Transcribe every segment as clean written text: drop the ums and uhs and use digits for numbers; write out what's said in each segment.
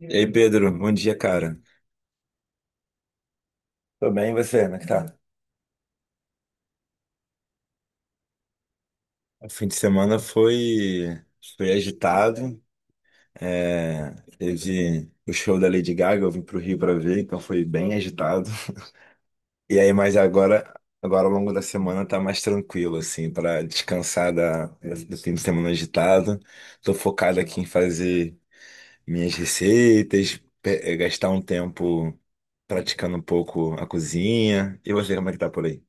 Ei, Pedro, bom dia, cara. Tô bem, e você? Como é que tá? O fim de semana foi agitado. É, teve o show da Lady Gaga, eu vim pro Rio pra ver, então foi bem agitado. E aí, mas agora ao longo da semana tá mais tranquilo, assim, pra descansar do fim de semana agitado. Tô focado aqui em fazer minhas receitas, gastar um tempo praticando um pouco a cozinha. E você, como é que tá por aí?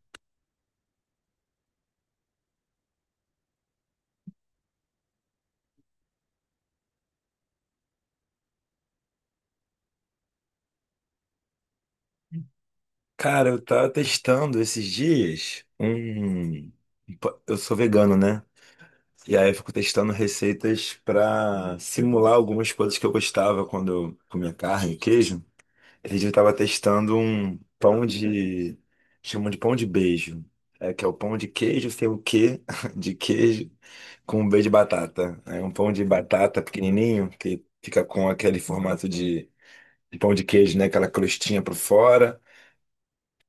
Cara, eu tava testando esses dias um. Eu sou vegano, né? E aí eu fico testando receitas pra simular algumas coisas que eu gostava quando eu comia carne, queijo. Esse dia eu tava testando um pão de. Chamam de pão de beijo. É que é o pão de queijo sem o quê de queijo com um beijo de batata. É um pão de batata pequenininho que fica com aquele formato de pão de queijo, né? Aquela crostinha por fora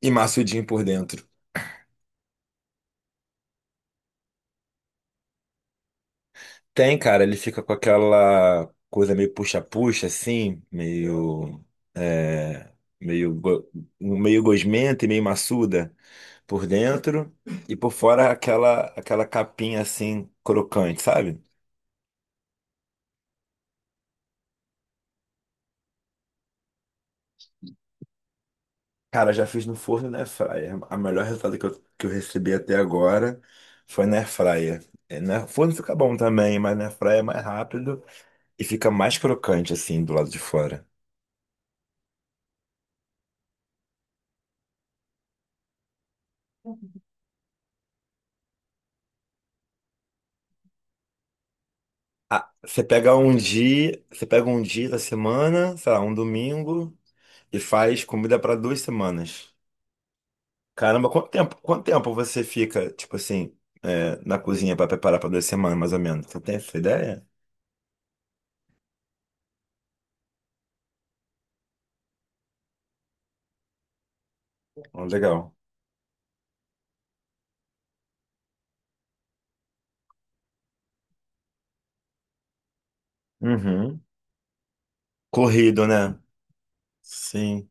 e maçudinho por dentro. Tem, cara, ele fica com aquela coisa meio puxa-puxa, assim, meio. É, meio, go- meio gosmenta e meio maçuda por dentro, e por fora aquela capinha assim, crocante, sabe? Cara, já fiz no forno e na air fryer. A melhor resultado que eu recebi até agora foi na air fryer. É, forno fica bom também, mas na air fryer é mais rápido e fica mais crocante, assim, do lado de fora. Ah, você pega um dia da semana, sei lá, um domingo, e faz comida para 2 semanas. Caramba, quanto tempo você fica, tipo assim, na cozinha para preparar para 2 semanas, mais ou menos? Você tem essa ideia? Ó, legal. Uhum. Corrido, né? Sim.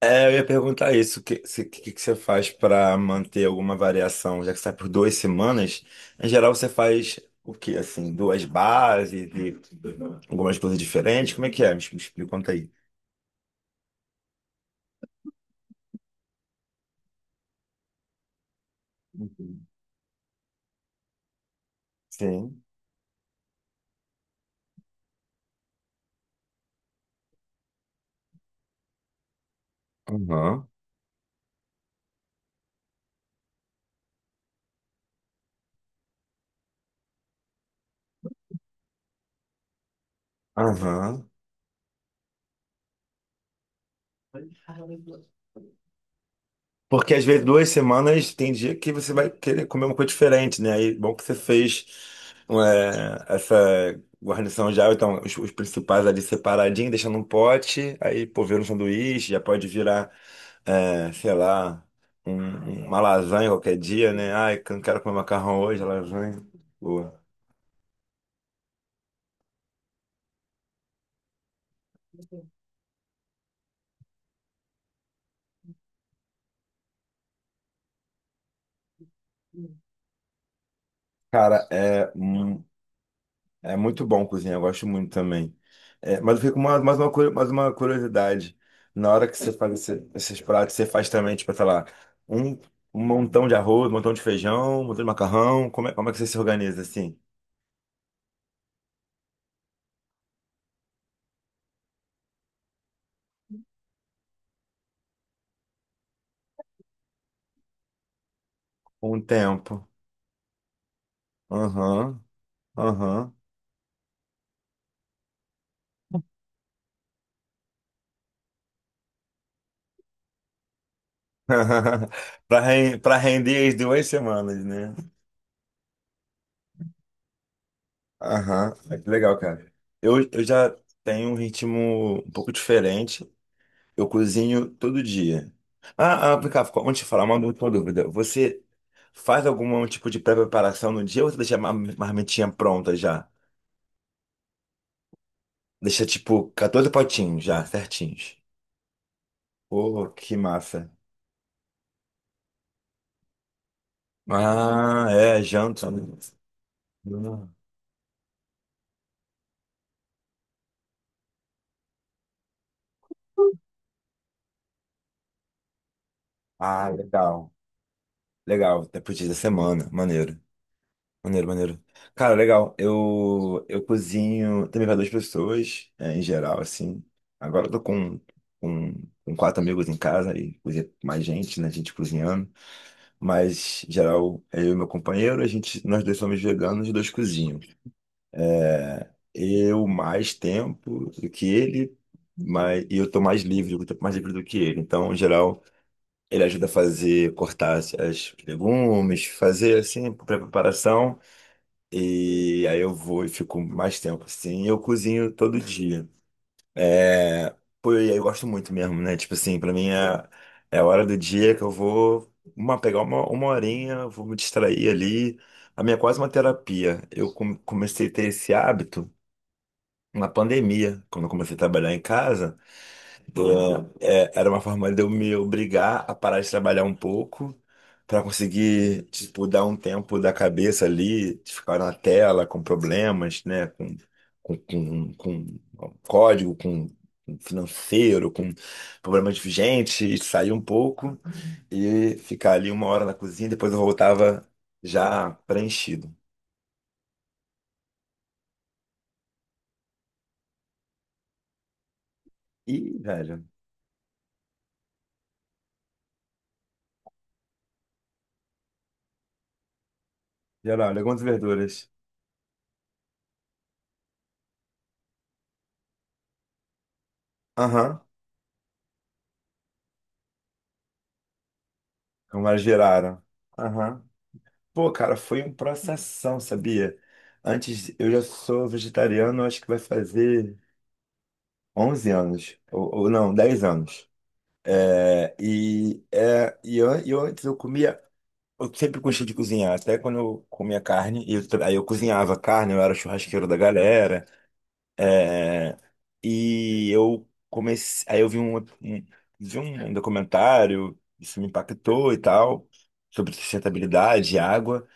É, eu ia perguntar isso, o que, se- que você faz para manter alguma variação, já que você sai por 2 semanas, em geral você faz o quê, assim, duas bases e algumas coisas diferentes, como é que é? Me explica, conta aí. Uhum. Sim. Aham, aham. Porque às vezes duas semanas tem dia que você vai querer comer uma coisa diferente, né? Aí bom que você fez essa guarnição já, então os principais ali separadinho, deixando um pote, aí pô, vira um sanduíche, já pode virar, sei lá, uma lasanha qualquer dia, né? Ai, que eu não quero comer macarrão hoje, lasanha. Boa. Cara, é. É muito bom cozinhar, eu gosto muito também. É, mas eu fico com mais uma curiosidade. Na hora que você faz esses pratos, você faz também, tipo, sei lá, um, um montão de arroz, um montão de feijão, um montão de macarrão. Como é que você se organiza assim? Com o tempo. Aham, aham. Pra render as 2 semanas, né? Aham, é que legal, cara. Eu já tenho um ritmo um pouco diferente. Eu cozinho todo dia. Ah, ah, vem cá, antes de falar, uma última dúvida. Você faz algum tipo de pré-preparação no dia ou você deixa a marmitinha pronta já? Deixa tipo 14 potinhos já, certinhos. Oh, que massa. Ah, é, janta, né? Ah, legal. Legal, depois pro da semana, maneiro. Maneiro, maneiro. Cara, legal. Eu cozinho também para duas pessoas, em geral, assim. Agora eu tô com, com quatro amigos em casa e cozinha com mais gente, né? Gente cozinhando. Mas, em geral, é eu e meu companheiro, a gente, nós dois somos veganos e dois cozinham. Eu mais tempo do que ele, mas, e eu tô mais livre, eu tô mais livre do que ele. Então, em geral, ele ajuda a fazer, cortar as legumes, fazer, assim, preparação. E aí eu vou e fico mais tempo, assim. Eu cozinho todo dia. É. Pô, e aí eu gosto muito mesmo, né? Tipo assim, pra mim é a hora do dia que eu vou pegar uma horinha, vou me distrair ali. A minha é quase uma terapia. Eu comecei a ter esse hábito na pandemia, quando eu comecei a trabalhar em casa. É, era uma forma de eu me obrigar a parar de trabalhar um pouco para conseguir, tipo, dar um tempo da cabeça ali, de ficar na tela com problemas, né? Com, com, com código, com financeiro, com problemas de gente, e sair um pouco e ficar ali uma hora na cozinha, depois eu voltava já preenchido. Ih, velho, geral, algumas verduras. Aham, como elas viraram. Aham. Pô, cara, foi um processão, sabia? Antes, eu já sou vegetariano, acho que vai fazer 11 anos, ou não, 10 anos. E antes eu comia, eu sempre gostei de cozinhar, até quando eu comia carne, e eu aí eu cozinhava carne, eu era churrasqueiro da galera, é, e eu comecei, aí eu vi um documentário, isso me impactou e tal, sobre sustentabilidade, água.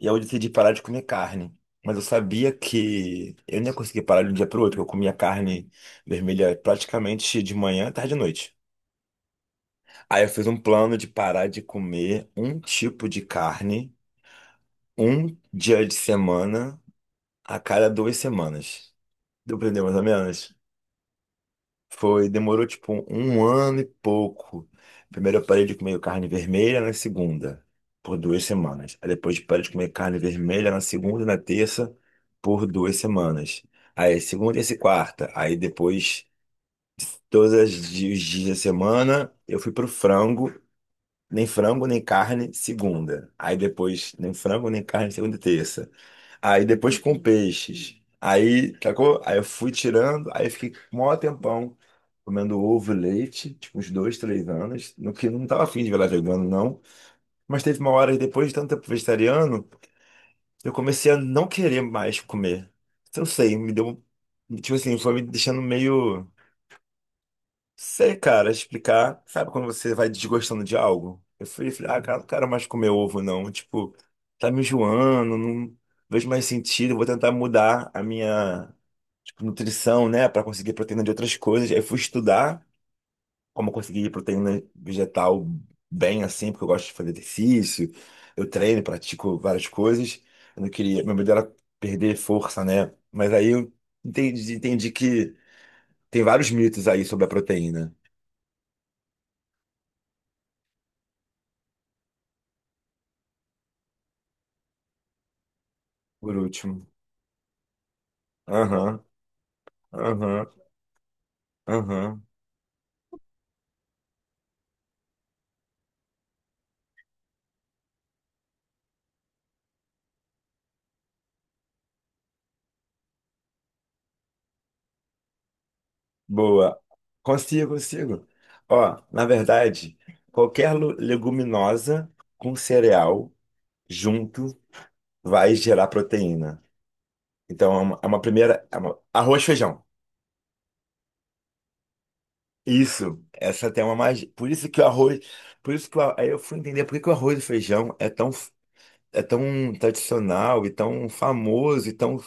E aí eu decidi parar de comer carne. Mas eu sabia que eu não ia conseguir parar de um dia para o outro, porque eu comia carne vermelha praticamente de manhã, tarde e noite. Aí eu fiz um plano de parar de comer um tipo de carne, um dia de semana, a cada 2 semanas. Deu pra entender mais ou menos? Foi, demorou tipo um ano e pouco. Primeiro eu parei de comer carne vermelha na segunda, por 2 semanas. Aí depois parei de comer carne vermelha na segunda e na terça, por 2 semanas. Aí segunda e quarta. Aí depois, todos os dias da semana, eu fui pro frango. Nem frango, nem carne, segunda. Aí depois, nem frango, nem carne, segunda e terça. Aí depois com peixes. Aí, sacou? Aí eu fui tirando, aí fiquei um maior tempão comendo ovo e leite, tipo uns dois, três anos, no que não tava afim de virar vegano, não. Mas teve uma hora, depois de tanto tempo vegetariano, eu comecei a não querer mais comer. Eu não sei, me deu. Tipo assim, foi me deixando meio. Sei, cara, explicar. Sabe quando você vai desgostando de algo? Eu fui, falei, ah, cara, não quero mais comer ovo, não. Tipo, tá me enjoando, não vejo mais sentido, vou tentar mudar a minha, tipo, nutrição, né, pra conseguir proteína de outras coisas. Aí fui estudar como conseguir proteína vegetal bem assim, porque eu gosto de fazer exercício, eu treino, pratico várias coisas. Eu não queria, meu medo era perder força, né? Mas aí eu entendi que tem vários mitos aí sobre a proteína, por último. Aham, aham, aham. Boa. Consigo, consigo. Ó, na verdade, qualquer leguminosa com cereal junto vai gerar proteína. Então, é uma primeira. Arroz, feijão. Isso. Essa tem uma magia. Por isso que o arroz. Por isso que aí eu fui entender por que que o arroz e feijão é tão tradicional e tão famoso e tão,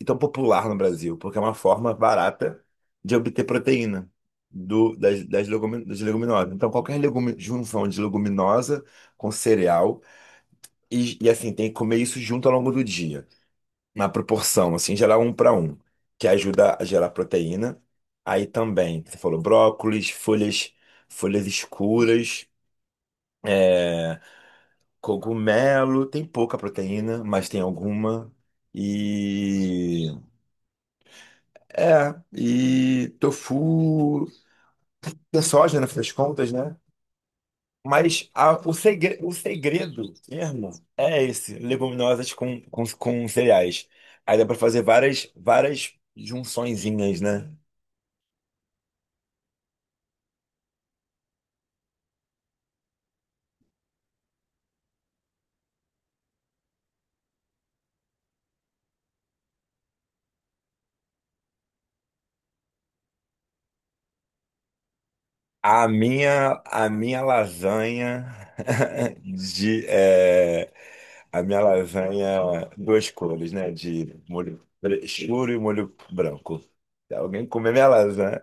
e tão popular no Brasil, porque é uma forma barata de obter proteína do, das, das, legumi- das leguminosas. Então, qualquer legume, junção de leguminosa com cereal, e assim, tem que comer isso junto ao longo do dia, na proporção, assim, gerar um para um, que ajuda a gerar proteína. Aí também, você falou brócolis, folhas, folhas escuras. é, Cogumelo tem pouca proteína, mas tem alguma. E e tofu, tem soja, no fim das contas, né? Mas o segredo mesmo é esse, leguminosas com cereais. Aí dá pra fazer várias várias junçõezinhas, né? A minha lasanha de é, a minha lasanha duas cores, né? De molho escuro e molho branco. Se alguém comer minha lasanha,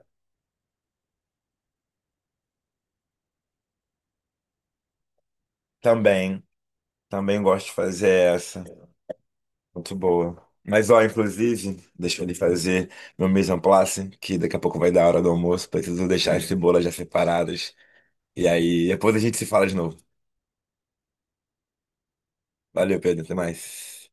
também, também gosto de fazer essa. Muito boa. Mas ó, inclusive, deixa eu lhe fazer meu mise en place, que daqui a pouco vai dar a hora do almoço. Preciso deixar as cebolas já separadas. E aí, depois a gente se fala de novo. Valeu, Pedro, até mais.